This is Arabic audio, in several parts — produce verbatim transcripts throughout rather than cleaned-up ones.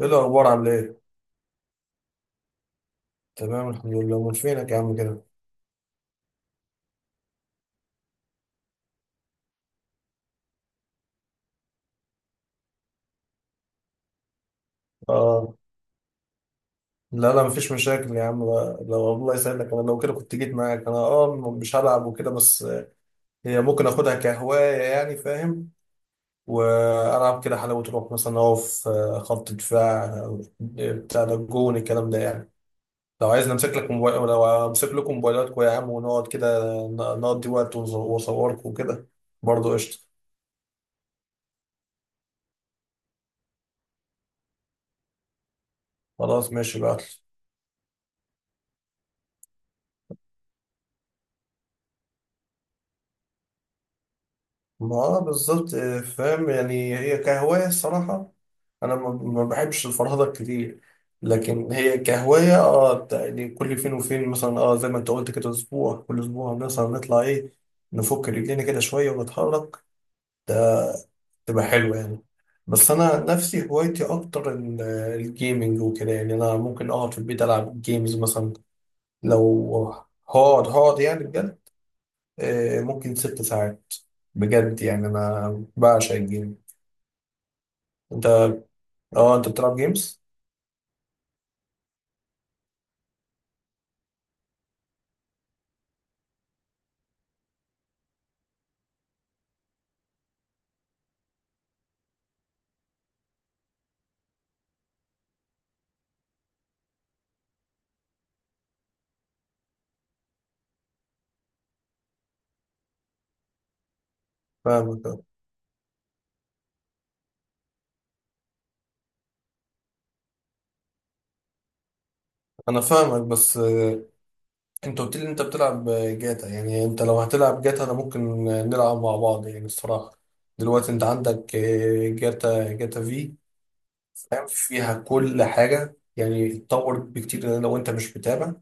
ايه الاخبار؟ عامل ايه؟ تمام، الحمد لله. من فينك يا عم كده؟ اه. لا لا مفيش مشاكل يا عم بقى. لو الله يسعدك انا لو كده كنت جيت معاك انا اه م- مش هلعب وكده بس آه، هي ممكن اخدها كهوايه، يعني فاهم. والعب كده حلاوه روح، مثلا اقف آه، خط دفاع، آه، بتاع ده الجون الكلام ده يعني. لو عايز نمسك لك موبايل، لو امسك لكم موبايلاتكم يا عم ونقعد كده ن- نقضي وقت ونز- واصوركم وكده، برضه قشطه. خلاص ماشي بقى. ما آه بالظبط، آه، فاهم. يعني هي كهواية الصراحة. أنا ما ما بحبش الفرهدة كتير، لكن هي كهواية اه بتاع- يعني كل فين وفين، مثلا اه زي ما انت قلت كده اسبوع، كل اسبوع مثلا نطلع ايه، نفك رجلينا كده شوية ونتحرك، ده تبقى حلوة يعني. بس أنا نفسي هوايتي أكتر ال- الجيمنج وكده. يعني أنا ممكن أقعد في البيت ألعب جيمز مثلا. لو هقعد هقعد يعني بجد، آه، ممكن ست ساعات، بجد. يعني أنا بعشق الجيمز. انت اه، انت بتلعب جيمز؟ فاهمك اه. انا فاهمك بس آه، انت قلت لي انت بتلعب آه، جاتا. يعني انت لو هتلعب جاتا انا ممكن آه، نلعب مع بعض يعني الصراحة. دلوقتي انت عندك آه، جاتا. جاتا في فاهم، فيها كل حاجة، يعني اتطور بكتير لو انت مش متابع.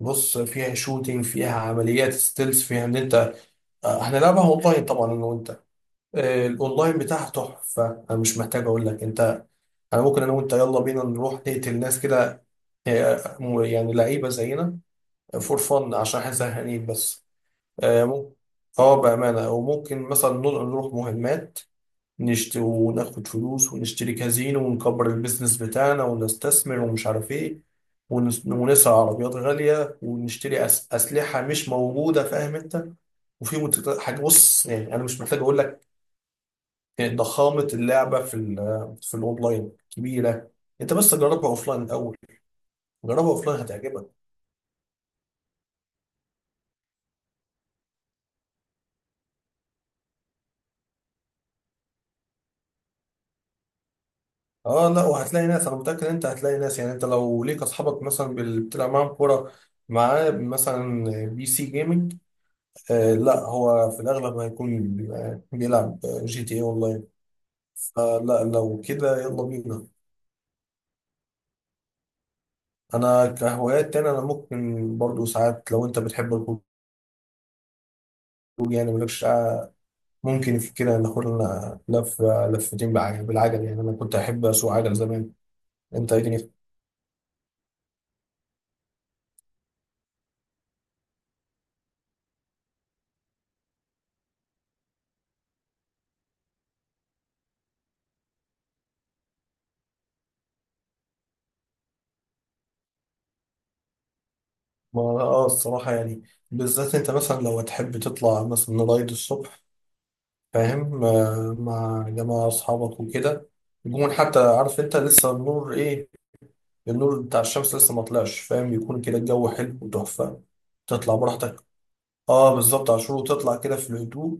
بص، فيها شوتينج، فيها عمليات ستيلز، فيها ان انت آه، هنلعبها اونلاين طبعا انا وانت. آه، الاونلاين بتاعها تحفة، انا مش محتاج اقول لك انت. انا ممكن انا وانت يلا بينا نروح نقتل ناس كده، هي يعني لعيبة زينا، فور فن، عشان احنا زهقانين بس. آه، ممكن اه بأمانة، وممكن مثلا نروح نروح مهمات، نشتري وناخد فلوس، ونشتري كازينو ونكبر البيزنس بتاعنا ونستثمر ومش عارف ايه. ونس- ونسعى عربيات غالية ونشتري أس- أسلحة مش موجودة، فاهم انت. وفي مت- حاجة، بص يعني أنا مش محتاج أقول لك، ضخامة اللعبة في ال- في الأونلاين كبيرة. أنت بس جربها أوفلاين الأول، جربها أوفلاين هتعجبك. اه لا، وهتلاقي ناس، انا متاكد ان انت هتلاقي ناس. يعني انت لو ليك اصحابك مثلا بال- بتلعب معاهم كوره، معاه مثلا بي سي جيمنج، آه لا هو في الاغلب هيكون آه، بيلعب جي تي اي اونلاين. فلا لو كده يلا بينا. انا كهوايات تاني انا ممكن برضو ساعات، لو انت بتحب الخروج، يعني مالكش قاعة، ممكن في كده ناخد لنا لفه لفتين بالعجل، بالعجل يعني انا كنت احب اسوق عجل زمان. انت ايه؟ ما اه الصراحة، يعني بالذات انت مثلا لو تحب تطلع مثلا رايد الصبح، فاهم، آه، مع جماعة أصحابك وكده، يكون حتى عارف انت لسه النور ايه، النور بتاع الشمس لسه ما طلعش، فاهم، يكون كده الجو حلو وتحفة، تطلع براحتك. اه بالظبط عاشور، وتطلع كده في الهدوء،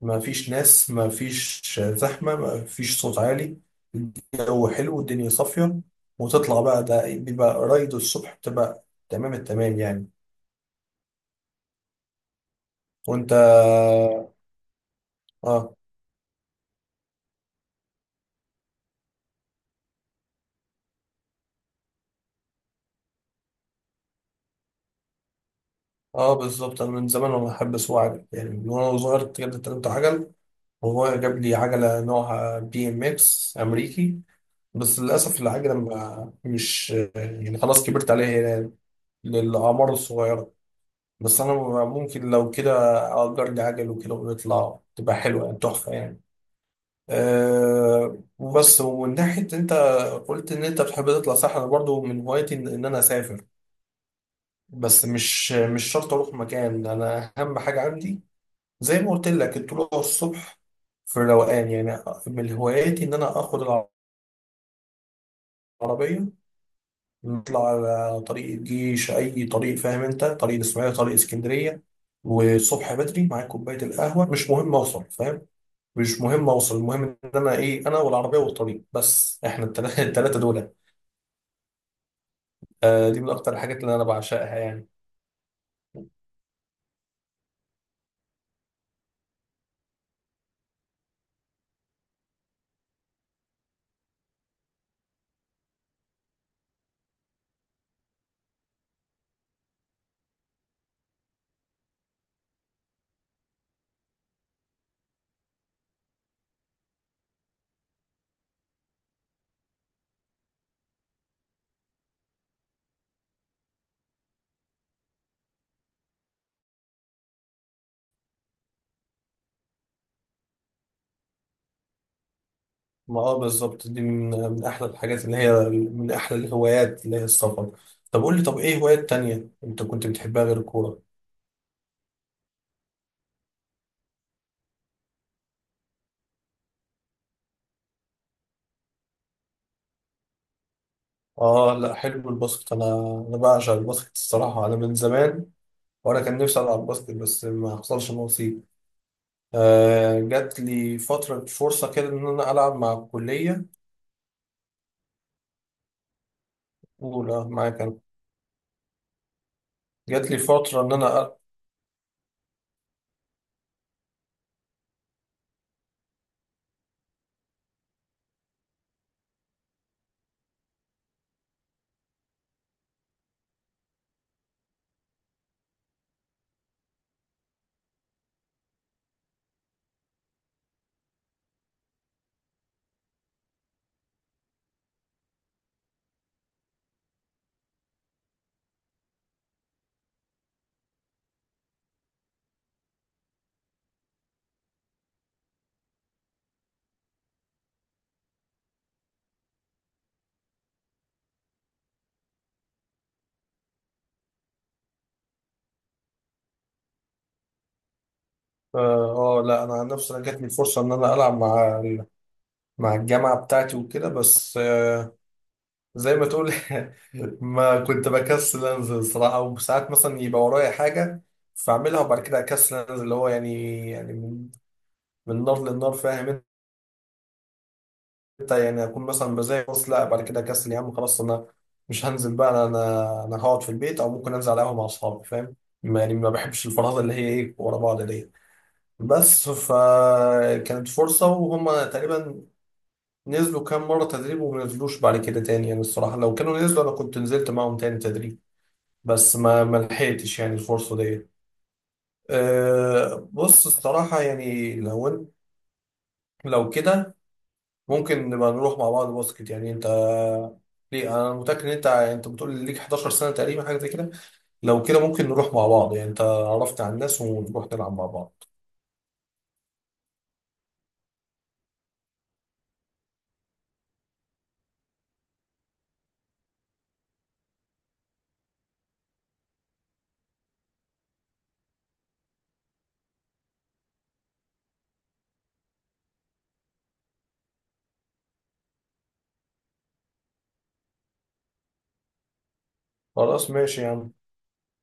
ما فيش ناس، ما فيش زحمة، ما فيش صوت عالي، الجو حلو والدنيا صافية، وتطلع بقى. ده بيبقى رايد الصبح بتبقى تمام التمام يعني. وانت اه. اه بالظبط، انا من زمان وانا بحب اسوق عجل، يعني من وانا صغير كده اتعلمت عجل، وهو جاب لي عجله نوعها بي ام اكس امريكي، بس للاسف العجله ما مش، يعني خلاص كبرت عليها يعني، للاعمار الصغيره. بس انا ممكن لو كده اجر لي عجل وكده ونطلع، تبقى حلوه يعني، تحفه يعني. أه وبس. ومن ناحيه انت قلت ان انت بتحب تطلع، صح، انا برضو من هوايتي ان إن انا اسافر، بس مش مش شرط اروح مكان، انا اهم حاجه عندي زي ما قلت لك الطلوع الصبح، في الروقان يعني. من هواياتي ان انا اخد العربيه، نطلع على طريق الجيش، اي طريق فاهم انت، طريق الاسماعيليه، طريق اسكندريه، والصبح بدري معايا كوبايه القهوه. مش مهم اوصل، فاهم، مش مهم اوصل، المهم ان انا ايه، انا والعربيه والطريق بس، احنا التلا- التلاته دول آه. دي من اكتر الحاجات اللي انا بعشقها يعني. ما اه بالظبط، دي من من احلى الحاجات، اللي هي من احلى الهوايات، اللي هي السفر. طب قول لي، طب ايه هوايات تانية انت كنت بتحبها غير الكورة؟ اه لا، حلو الباسكت. انا انا بعشق الباسكت الصراحة، انا من زمان وانا كان نفسي العب باسكت بس ما حصلش نصيب. آه، جات لي فترة فرصة كده إن أنا ألعب مع الكلية، أولى معاك أنا، جات لي فترة إن أنا ألعب. آه آه، لا أنا عن نفسي، أنا جات لي فرصة إن أنا ألعب مع ال- مع الجامعة بتاعتي وكده، بس آه، زي ما تقول ما كنت بكسل أنزل صراحة، وساعات مثلا يبقى ورايا حاجة فأعملها وبعد كده أكسل أنزل، اللي هو يعني يعني من من نار للنار فاهم. حتى يعني اكون مثلا بزي، بص لا بعد كده كسل يا عم خلاص، انا مش هنزل بقى، انا انا أنا هقعد في البيت، او ممكن انزل على قهوه مع اصحابي فاهم. ما- يعني ما بحبش الفرهده اللي هي ايه، ورا بعض دي. بس فكانت فرصه، وهم تقريبا نزلوا كام مره تدريب وما نزلوش بعد كده تاني يعني. الصراحه لو كانوا نزلوا انا كنت نزلت معاهم تاني تدريب، بس ما ما لحقتش يعني الفرصه دي. أه بص الصراحه يعني، لو إن- لو كده ممكن نبقى نروح مع بعض باسكت، يعني انت ليه، انا متاكد ان انت، يعني انت بتقول ليك حداشر سنه تقريبا حاجه زي كده. لو كده ممكن نروح مع بعض، يعني انت عرفت على الناس ونروح نلعب مع بعض. خلاص ماشي يا عم.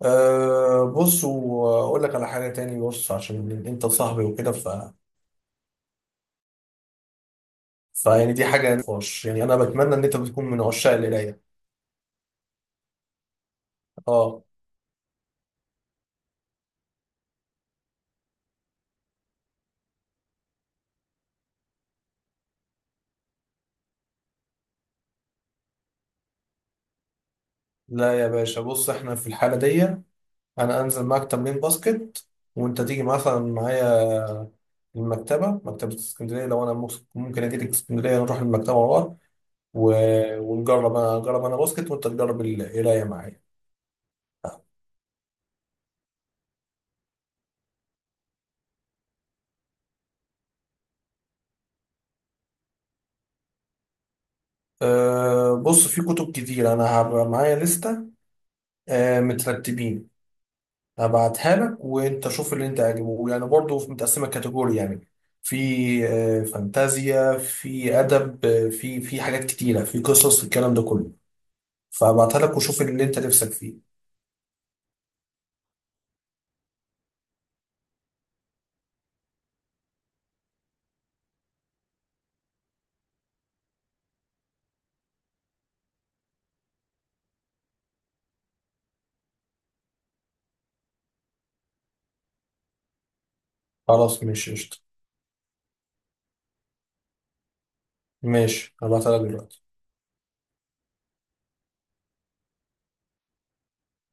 أه بص واقول لك على حاجه تاني، بص عشان انت صاحبي وكده ف، فيعني دي حاجه نقاش، يعني انا بتمنى ان انت بتكون من عشاق القرايه. اه. لا يا باشا بص، احنا في الحاله دي انا انزل معاك تمرين باسكت، وانت تيجي مثلا معايا المكتبة، مكتبة اسكندرية، لو أنا ممكن ممكن أجيلك اسكندرية نروح المكتبة مع بعض، و- ونجرب، أنا أجرب أنا باسكت وأنت تجرب القراية معايا. أه بص، في كتب كتير، أنا هبقى معايا لستة أه مترتبين، هبعتها لك وأنت شوف اللي أنت عاجبه، يعني برضه متقسمة كاتيجوري. يعني في أه فانتازيا، في أدب، آه، في في حاجات كتيرة، في قصص، الكلام ده كله. فهبعتها لك وشوف اللي أنت نفسك فيه. خلاص ماشي قشطة. ماشي هبعتها لك دلوقتي.